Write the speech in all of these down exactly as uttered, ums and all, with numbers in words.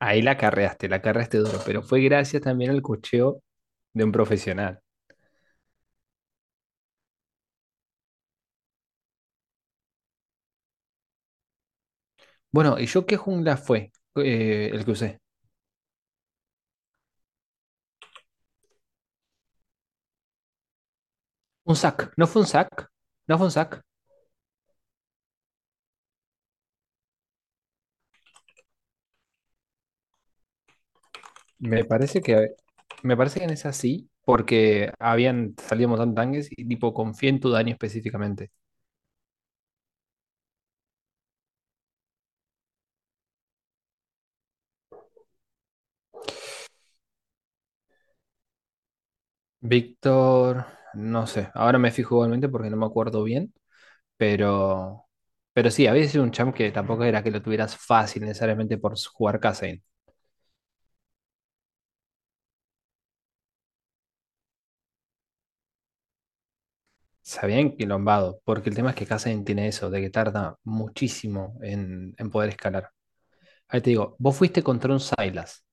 Ahí la carreaste, la carreaste duro, pero fue gracias también al cocheo de un profesional. Bueno, ¿y yo qué jungla fue eh, el que usé? Un sac, ¿no fue un sac? ¿No fue un sac? Me parece que, me parece que en esa sí, porque habían salido un montón de tanques y tipo confié en tu daño específicamente. Víctor, no sé, ahora me fijo igualmente porque no me acuerdo bien, pero, pero sí, había sido un champ que tampoco era que lo tuvieras fácil necesariamente por jugar Kazain. Se había enquilombado, porque el tema es que Cassian tiene eso, de que tarda muchísimo en, en poder escalar. Ahí te digo, vos fuiste contra un Sylas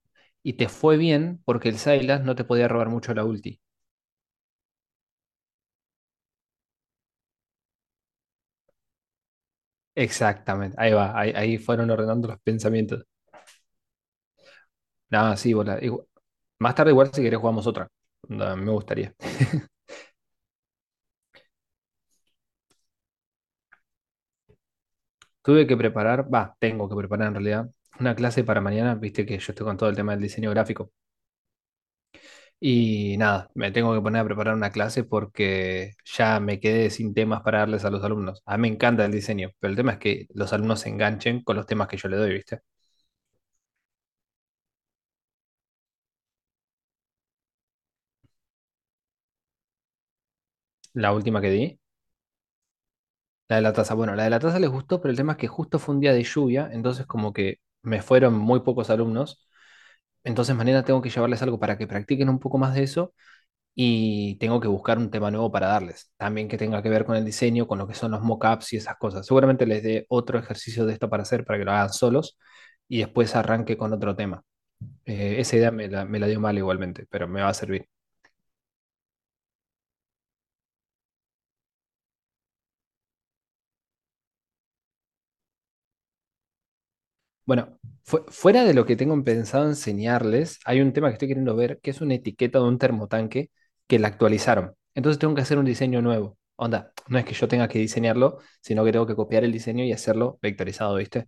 y te fue bien porque el Sylas no te podía robar mucho la ulti. Exactamente, ahí va, ahí, ahí fueron ordenando los pensamientos. Nada, sí, bola. igu- Más tarde igual si querés jugamos otra. Onda, me gustaría. Tuve que preparar, va, tengo que preparar en realidad, una clase para mañana, viste que yo estoy con todo el tema del diseño gráfico. Y nada, me tengo que poner a preparar una clase porque ya me quedé sin temas para darles a los alumnos. A mí me encanta el diseño, pero el tema es que los alumnos se enganchen con los temas que yo le doy, ¿viste? La última que di, la de la taza. Bueno, la de la taza les gustó, pero el tema es que justo fue un día de lluvia, entonces como que me fueron muy pocos alumnos. Entonces mañana tengo que llevarles algo para que practiquen un poco más de eso y tengo que buscar un tema nuevo para darles, también que tenga que ver con el diseño, con lo que son los mockups y esas cosas. Seguramente les dé otro ejercicio de esto para hacer, para que lo hagan solos y después arranque con otro tema. Eh, esa idea me la, me la dio mal igualmente, pero me va a servir. Bueno, fu- fuera de lo que tengo pensado enseñarles, hay un tema que estoy queriendo ver, que es una etiqueta de un termotanque que la actualizaron. Entonces tengo que hacer un diseño nuevo. Onda, no es que yo tenga que diseñarlo, sino que tengo que copiar el diseño y hacerlo vectorizado, ¿viste?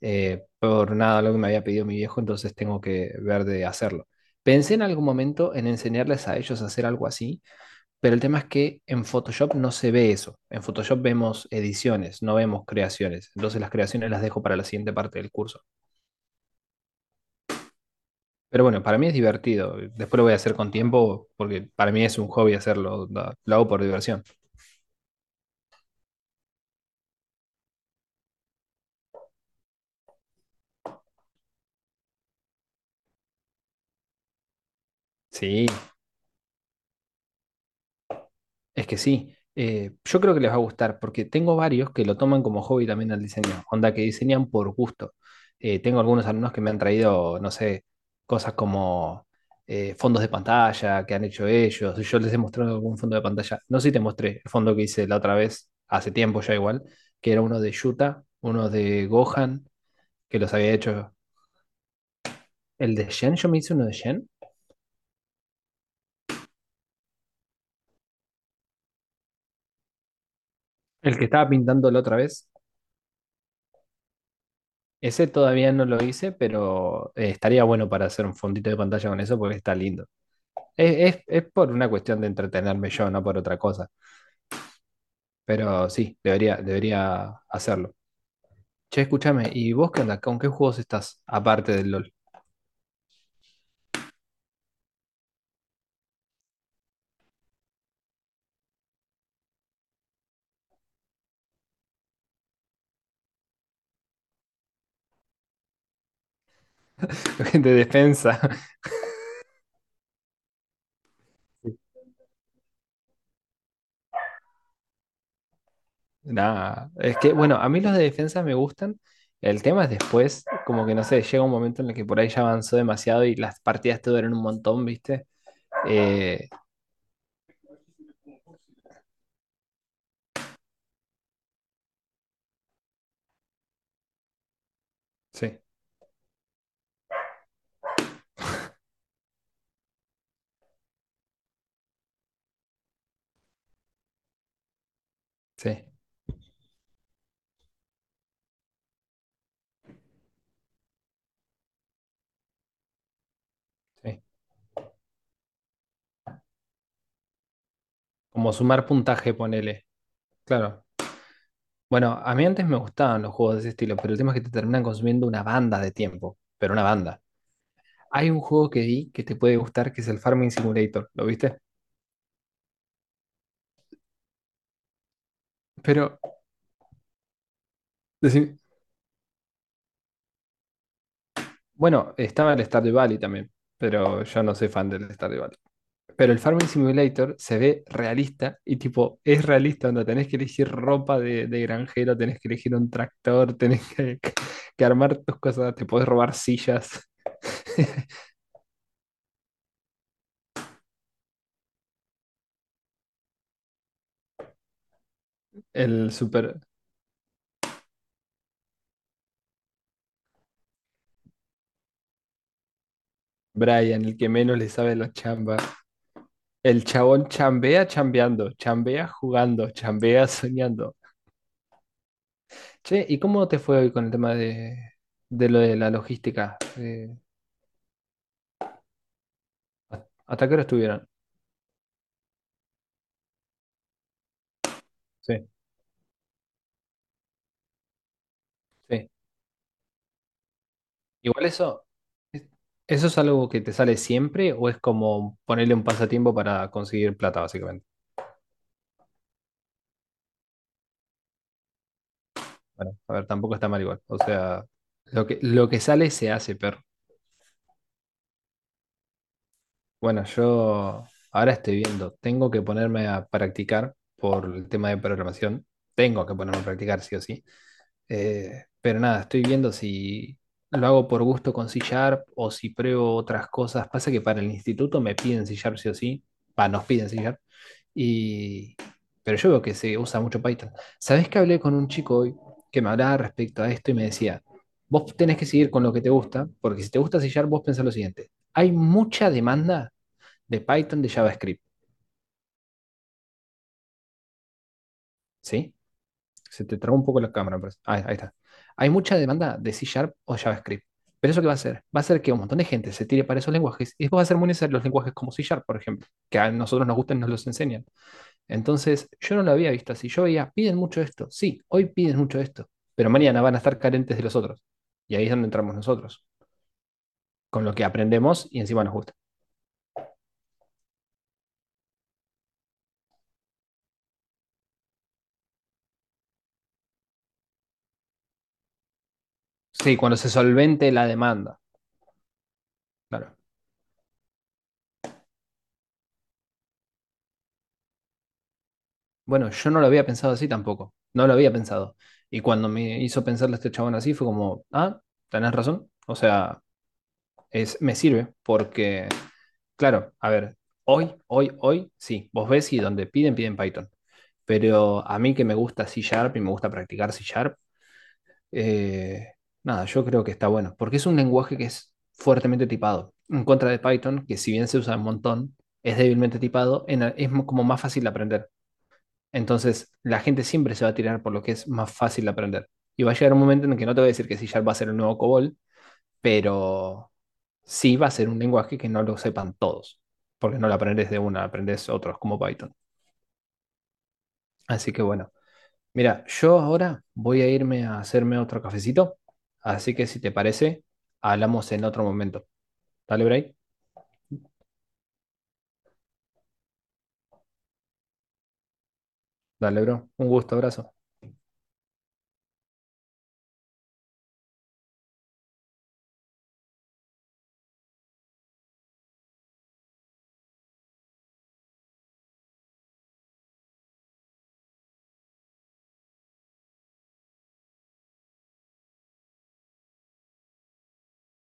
Eh, por nada lo que me había pedido mi viejo, entonces tengo que ver de hacerlo. Pensé en algún momento en enseñarles a ellos a hacer algo así, pero el tema es que en Photoshop no se ve eso. En Photoshop vemos ediciones, no vemos creaciones. Entonces las creaciones las dejo para la siguiente parte del curso. Pero bueno, para mí es divertido. Después lo voy a hacer con tiempo porque para mí es un hobby hacerlo. da- Lo hago por diversión. Sí, es que sí. Eh, yo creo que les va a gustar porque tengo varios que lo toman como hobby también al diseño. Onda que diseñan por gusto. Eh, tengo algunos alumnos que me han traído, no sé, cosas como eh, fondos de pantalla que han hecho ellos. Yo les he mostrado algún fondo de pantalla. No sé si te mostré el fondo que hice la otra vez, hace tiempo ya igual, que era uno de Yuta, uno de Gohan, que los había hecho. El de Shen, yo me hice uno de Shen. El que estaba pintando la otra vez. Ese todavía no lo hice, pero eh, estaría bueno para hacer un fondito de pantalla con eso porque está lindo. Es, es- es por una cuestión de entretenerme yo, no por otra cosa. Pero sí, debería, debería hacerlo. Che, escúchame, ¿y vos qué onda? ¿Con qué juegos estás? Aparte del LOL. De defensa. Nada. Es que, bueno, a mí los de defensa me gustan. El tema es después, como que no sé, llega un momento en el que por ahí ya avanzó demasiado y las partidas te duran un montón, ¿viste? Eh, Sí, sí, sí. Como sumar puntaje, ponele. Claro. Bueno, a mí antes me gustaban los juegos de ese estilo, pero el tema es que te terminan consumiendo una banda de tiempo, pero una banda. Hay un juego que vi que te puede gustar, que es el Farming Simulator, ¿lo viste? Pero, decí- bueno, estaba el Stardew Valley también, pero yo no soy fan del Stardew Valley. Pero el Farming Simulator se ve realista y tipo, es realista, onda, tenés que elegir ropa de, de granjero, tenés que elegir un tractor, tenés que, que armar tus cosas, te podés robar sillas. El super Brian, el que menos le sabe la chamba. El chabón chambea chambeando, chambea jugando, chambea soñando. Che, ¿y cómo te fue hoy con el tema de, de lo de la logística? Eh, ¿hasta qué hora estuvieron? Sí. Sí. Igual eso, ¿eso es algo que te sale siempre o es como ponerle un pasatiempo para conseguir plata, básicamente? Bueno, a ver, tampoco está mal igual. O sea, lo que, lo que sale se hace, perro. Bueno, yo ahora estoy viendo, tengo que ponerme a practicar por el tema de programación, tengo que ponerme a practicar sí o sí. Eh, pero nada, estoy viendo si lo hago por gusto con C Sharp o si pruebo otras cosas. Pasa que para el instituto me piden C Sharp sí o sí, va, nos piden C Sharp, y... pero yo veo que se usa mucho Python. ¿Sabés que hablé con un chico hoy que me hablaba respecto a esto y me decía, vos tenés que seguir con lo que te gusta, porque si te gusta C Sharp, vos pensás lo siguiente, hay mucha demanda de Python, de JavaScript, ¿sí? Se te trabó un poco la cámara, pero ah, ahí está. Hay mucha demanda de C Sharp o JavaScript. ¿Pero eso qué va a hacer? Va a hacer que un montón de gente se tire para esos lenguajes y después va a ser muy necesario los lenguajes como C Sharp, por ejemplo, que a nosotros nos gustan y nos los enseñan. Entonces, yo no lo había visto así. Yo veía, piden mucho esto. Sí, hoy piden mucho esto, pero mañana van a estar carentes de los otros. Y ahí es donde entramos nosotros, con lo que aprendemos y encima nos gusta. Sí, cuando se solvente la demanda, claro. Bueno, yo no lo había pensado así tampoco. No lo había pensado. Y cuando me hizo pensarle este chabón así, fue como, ah, tenés razón. O sea, es, me sirve porque, claro, a ver, hoy, hoy, hoy, sí, vos ves y donde piden, piden Python. Pero a mí que me gusta C Sharp y me gusta practicar C Sharp, eh, nada, yo creo que está bueno. Porque es un lenguaje que es fuertemente tipado. En contra de Python, que si bien se usa un montón, es débilmente tipado, en- es como más fácil de aprender. Entonces, la gente siempre se va a tirar por lo que es más fácil de aprender. Y va a llegar un momento en que no te voy a decir que C Sharp va a ser el nuevo COBOL, pero sí va a ser un lenguaje que no lo sepan todos, porque no lo aprendes de una, aprendes otros como Python. Así que bueno, mira, yo ahora voy a irme a hacerme otro cafecito, así que si te parece, hablamos en otro momento. Dale, Bray. Dale, bro. Un gusto, abrazo.